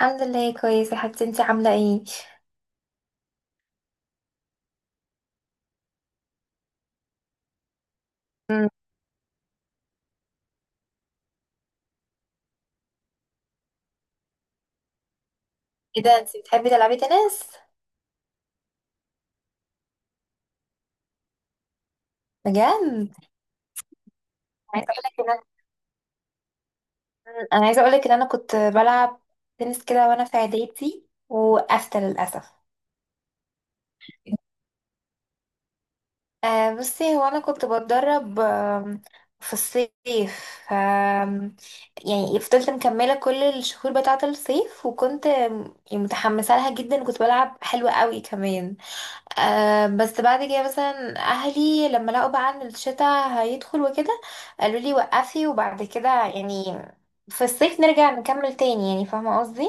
الحمد لله كويسة يا حبيبتي، انتي عاملة ايه؟ مم. ايه ده، انتي بتحبي تلعبي تنس؟ بجد؟ عايزة اقولك ان انا انا عايزة اقولك ان انا كنت بلعب تنس كده وانا في اعدادي، وقفت للأسف. بصي، هو انا كنت بتدرب في الصيف، يعني فضلت مكملة كل الشهور بتاعة الصيف، وكنت متحمسة لها جدا، وكنت بلعب حلوة قوي كمان. بس بعد كده مثلا اهلي لما لقوا بقى ان الشتاء هيدخل وكده، قالوا لي وقفي، وبعد كده يعني في الصيف نرجع نكمل تاني، يعني فاهمه قصدي.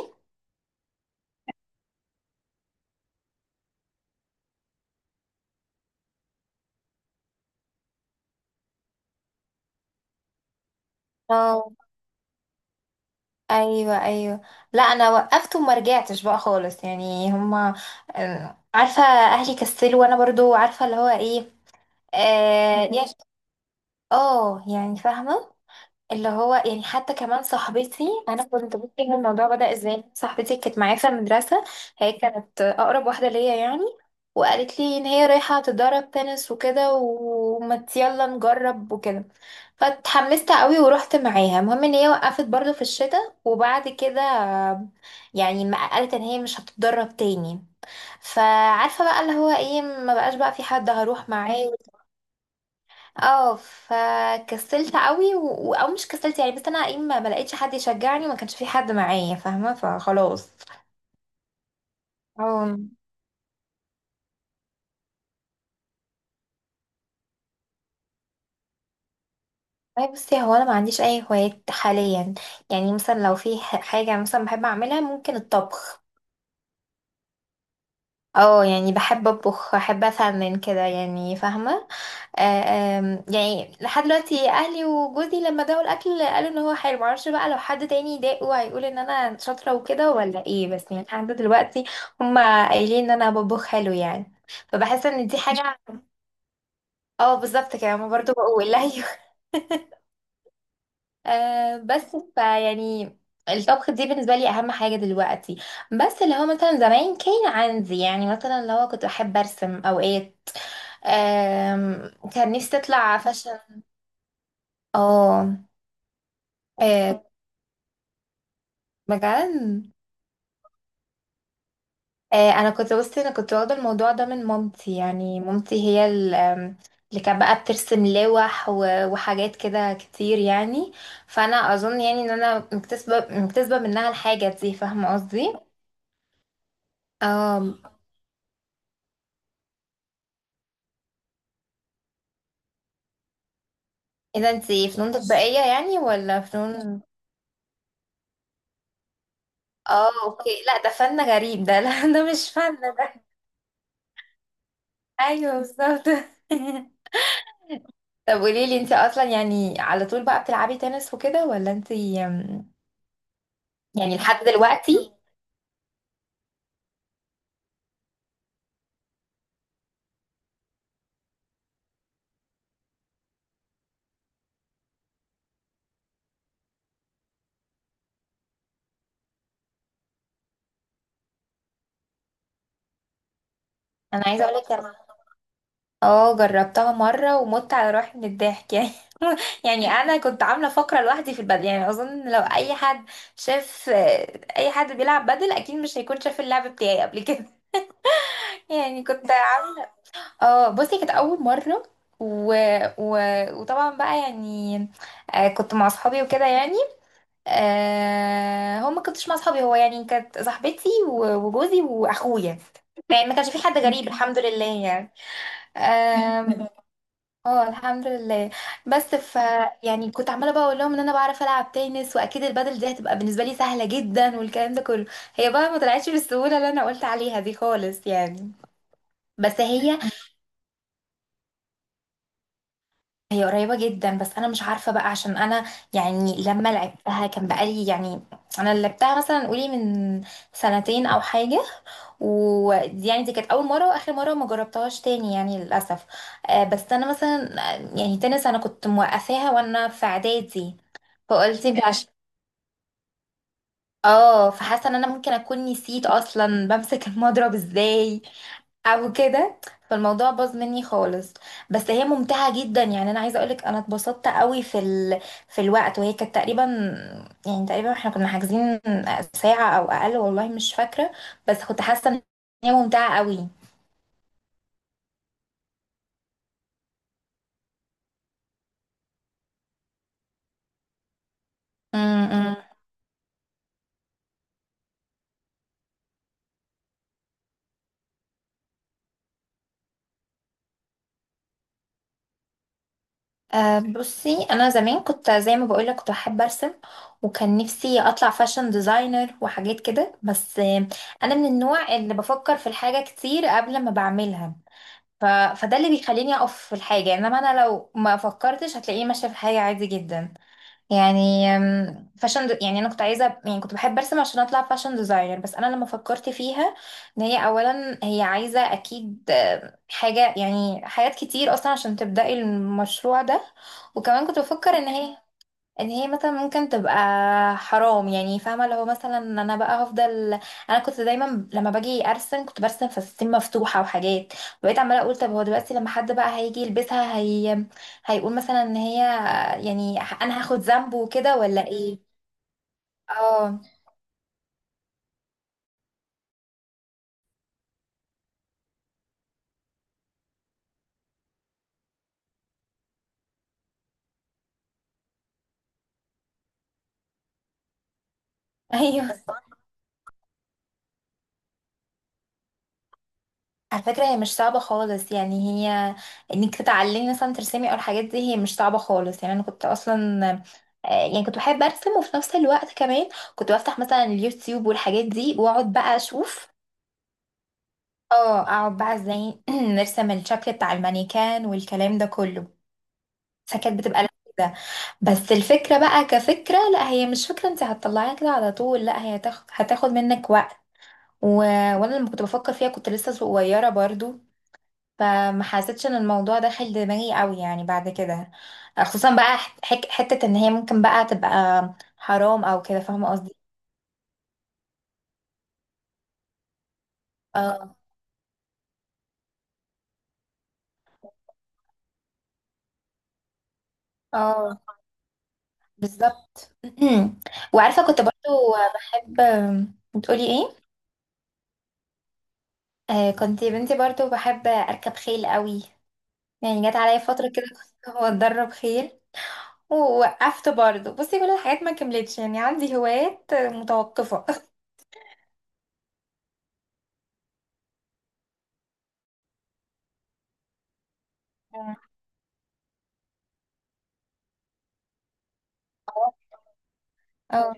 اه، ايوه ايوه. لا انا وقفت وما رجعتش بقى خالص، يعني هما عارفه اهلي كسلوا، وانا برضو عارفه اللي هو ايه. اه يا- يعني فاهمه اللي هو يعني، حتى كمان صاحبتي. انا كنت بصي ان الموضوع بدأ ازاي، صاحبتي كانت معايا في المدرسة، هي كانت اقرب واحدة ليا يعني، وقالت لي ان هي رايحة تتدرب تنس وكده، وما يلا نجرب وكده. فاتحمست قوي ورحت معاها. المهم ان هي وقفت برضو في الشتاء، وبعد كده يعني ما قالت ان هي مش هتتدرب تاني. فعارفة بقى اللي هو ايه، ما بقاش بقى في حد هروح معاه. اه، فكسلت قوي او مش كسلت يعني، بس انا ايه، ما لقيتش حد يشجعني، ما كانش في حد معايا، فاهمه، فخلاص. اه. أي بصي، هو انا ما عنديش اي هوايات حاليا. يعني مثلا لو في حاجه مثلا بحب اعملها، ممكن الطبخ. اه يعني بحب اطبخ، احب افنن كده، يعني فاهمه. آه، آم، يعني لحد دلوقتي اهلي وجوزي لما داقوا الاكل قالوا ان هو حلو. معرفش بقى لو حد تاني داقه هيقول ان انا شاطره وكده ولا ايه، بس يعني لحد دلوقتي هما قايلين ان انا بطبخ حلو يعني. فبحس ان دي حاجه. اه بالظبط كده، هما برضه بقول. ايوه. بس فيعني الطبخ دي بالنسبه لي اهم حاجه دلوقتي. بس اللي هو مثلا زمان كان عندي يعني، مثلا اللي هو كنت بحب ارسم اوقات. كان نفسي اطلع فاشن. اه. آه، بجد. آه انا كنت بصي، انا كنت واخده الموضوع ده من مامتي، يعني مامتي هي ال- آم، اللي كانت بقى بترسم لوح وحاجات كده كتير يعني. فانا اظن يعني ان انا مكتسبه منها الحاجه دي، فاهمه قصدي. اه. اذا انتي فنون تطبيقيه يعني ولا فنون. اه اوكي، لا ده فن غريب ده. لا ده مش فن ده. ايوه بالظبط. طب قولي لي، انتي اصلا يعني على طول بقى بتلعبي تنس وكده ولا انتي يعني لحد دلوقتي. انا عايزه اقول لك انا اه جربتها مره، ومت على روحي من الضحك يعني. يعني انا كنت عامله فقره لوحدي في البدل، يعني اظن لو اي حد شاف اي حد بيلعب بدل اكيد مش هيكون شاف اللعب بتاعي قبل كده. يعني كنت عامله، اه بصي كانت اول مره و... و... وطبعا بقى يعني كنت مع اصحابي وكده يعني. آه... هو ما كنتش مع اصحابي، هو يعني كانت صاحبتي وجوزي واخويا، يعني ما كانش في حد غريب الحمد لله يعني. آم، اه الحمد لله. بس ف يعني كنت عماله بقى اقول لهم ان انا بعرف العب تنس، واكيد البادل دي هتبقى بالنسبه لي سهله جدا والكلام ده كله. هي بقى ما طلعتش بالسهوله اللي انا قلت عليها دي خالص يعني. بس هي، هي قريبه جدا، بس انا مش عارفه بقى عشان انا يعني لما لعبتها كان بقالي يعني، انا لعبتها مثلا قولي من سنتين او حاجه. ودي يعني دي كانت اول مره واخر مره، ما جربتهاش تاني يعني للاسف. آه، بس انا مثلا آه، يعني تنس انا كنت موقفاها وانا في اعدادي. فقلت مش عش... اه فحاسه ان انا ممكن اكون نسيت اصلا بمسك المضرب ازاي او كده، فالموضوع باظ مني خالص. بس هي ممتعه جدا، يعني انا عايزه اقولك انا اتبسطت قوي في في الوقت. وهي كانت تقريبا، يعني تقريبا احنا كنا حاجزين ساعه او اقل والله مش فاكره، بس كنت حاسه ان هي ممتعه قوي. م- م. أه بصي انا زمان كنت زي ما بقولك كنت بحب ارسم، وكان نفسي اطلع فاشن ديزاينر وحاجات كده، بس آه، انا من النوع اللي بفكر في الحاجه كتير قبل ما بعملها. فده اللي بيخليني اقف في الحاجه، انما انا لو ما فكرتش هتلاقيني ماشيه في الحاجه عادي جدا. يعني يعني انا كنت عايزه، يعني كنت بحب ارسم عشان اطلع فاشن ديزاينر، بس انا لما فكرت فيها ان هي اولا هي عايزه اكيد حاجه، يعني حاجات كتير اصلا عشان تبداي المشروع ده. وكمان كنت بفكر ان هي مثلا ممكن تبقى حرام يعني، فاهمه؟ لو مثلا انا بقى هفضل، انا كنت دايما لما باجي ارسم كنت برسم فساتين مفتوحه وحاجات. بقيت عماله اقول طب هو دلوقتي لما حد بقى هيجي يلبسها، هي هيقول مثلا ان هي يعني انا هاخد ذنبه وكده ولا ايه. اه. ايوه، على فكرة هي مش صعبة خالص يعني. هي انك تتعلمي مثلا ترسمي او الحاجات دي، هي مش صعبة خالص يعني. انا كنت اصلا آه، يعني كنت بحب ارسم، وفي نفس الوقت كمان كنت بفتح مثلا اليوتيوب والحاجات دي واقعد بقى اشوف. اه، اقعد بقى ازاي نرسم الشكل بتاع المانيكان والكلام ده كله. فكانت بتبقى لذيذة. بس الفكرة بقى كفكرة، لا هي مش فكرة انت هتطلعيها كده على طول، لا هي هتاخد منك وقت. و... وانا لما كنت بفكر فيها كنت لسه صغيرة برضو، فما حسيتش ان الموضوع داخل دماغي قوي يعني بعد كده. خصوصا بقى حت- حك حتة ان هي ممكن بقى تبقى حرام او كده، فاهمة قصدي؟ اه. اه بالظبط. وعارفة كنت برضو بحب، بتقولي ايه؟ آه كنت يا بنتي برضو بحب اركب خيل قوي. يعني جت عليا فترة كده كنت بتدرب خيل. ووقفت برضو، بصي كل الحاجات ما كملتش يعني، عندي هوايات متوقفة. اه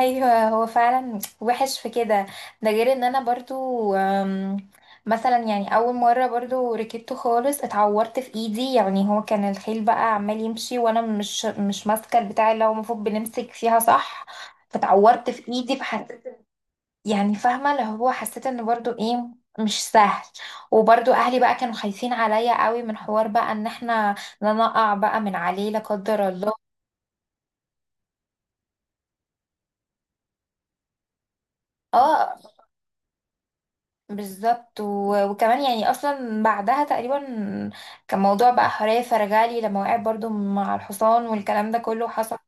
ايوه، هو فعلا وحش في كده. ده غير ان انا برضو مثلا يعني اول مره برضو ركبته خالص اتعورت في ايدي، يعني هو كان الخيل بقى عمال يمشي وانا مش ماسكه البتاع اللي هو المفروض بنمسك فيها صح، فتعورت في ايدي. فحسيت يعني فاهمه اللي هو، حسيت ان برضو ايه، مش سهل. وبرضو اهلي بقى كانوا خايفين عليا قوي من حوار بقى ان احنا لا نقع بقى من عليه لا قدر الله. اه بالظبط، وكمان يعني اصلا بعدها تقريبا كان موضوع بقى حرية فرغالي لما وقعت برضو مع الحصان والكلام ده كله حصل.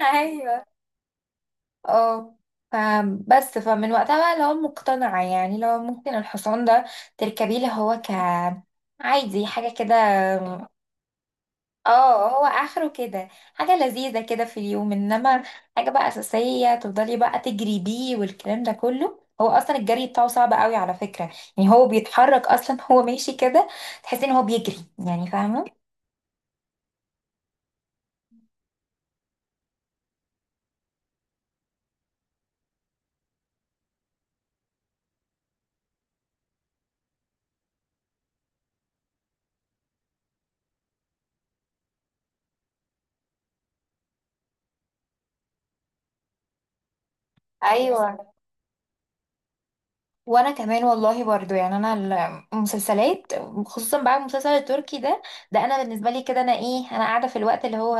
ايوه. اه فبس فمن وقتها بقى اللي هو مقتنعة يعني، لو ممكن الحصان ده تركبيه اللي هو ك عادي حاجة كده. اه، هو اخره كده حاجة لذيذة كده في اليوم، انما حاجة بقى اساسية تفضلي بقى تجري بيه والكلام ده كله، هو اصلا الجري بتاعه صعب قوي على فكرة. يعني هو بيتحرك اصلا هو ماشي كده تحسي ان هو بيجري، يعني فاهمة؟ ايوه، وانا كمان والله برضو يعني انا المسلسلات، خصوصا بقى المسلسل التركي ده. ده انا بالنسبه لي كده، انا ايه، انا قاعده في الوقت اللي هو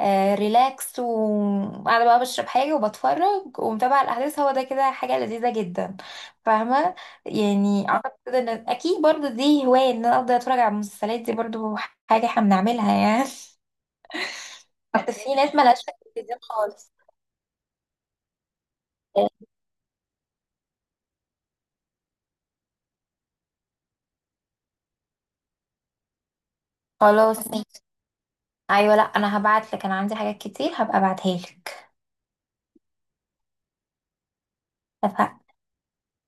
آه ريلاكس، وقاعده بقى بشرب حاجه وبتفرج ومتابعه الاحداث، هو ده كده حاجه لذيذه جدا فاهمه. يعني اعتقد كده ان اكيد برضو دي هوايه، ان انا افضل اتفرج على المسلسلات دي برضو حاجه احنا بنعملها يعني. بس في ناس ملهاش في التلفزيون خالص. خلاص ماشي. ايوه لا انا هبعت لك، انا عندي حاجات كتير هبقى ابعتها لك. اتفقنا.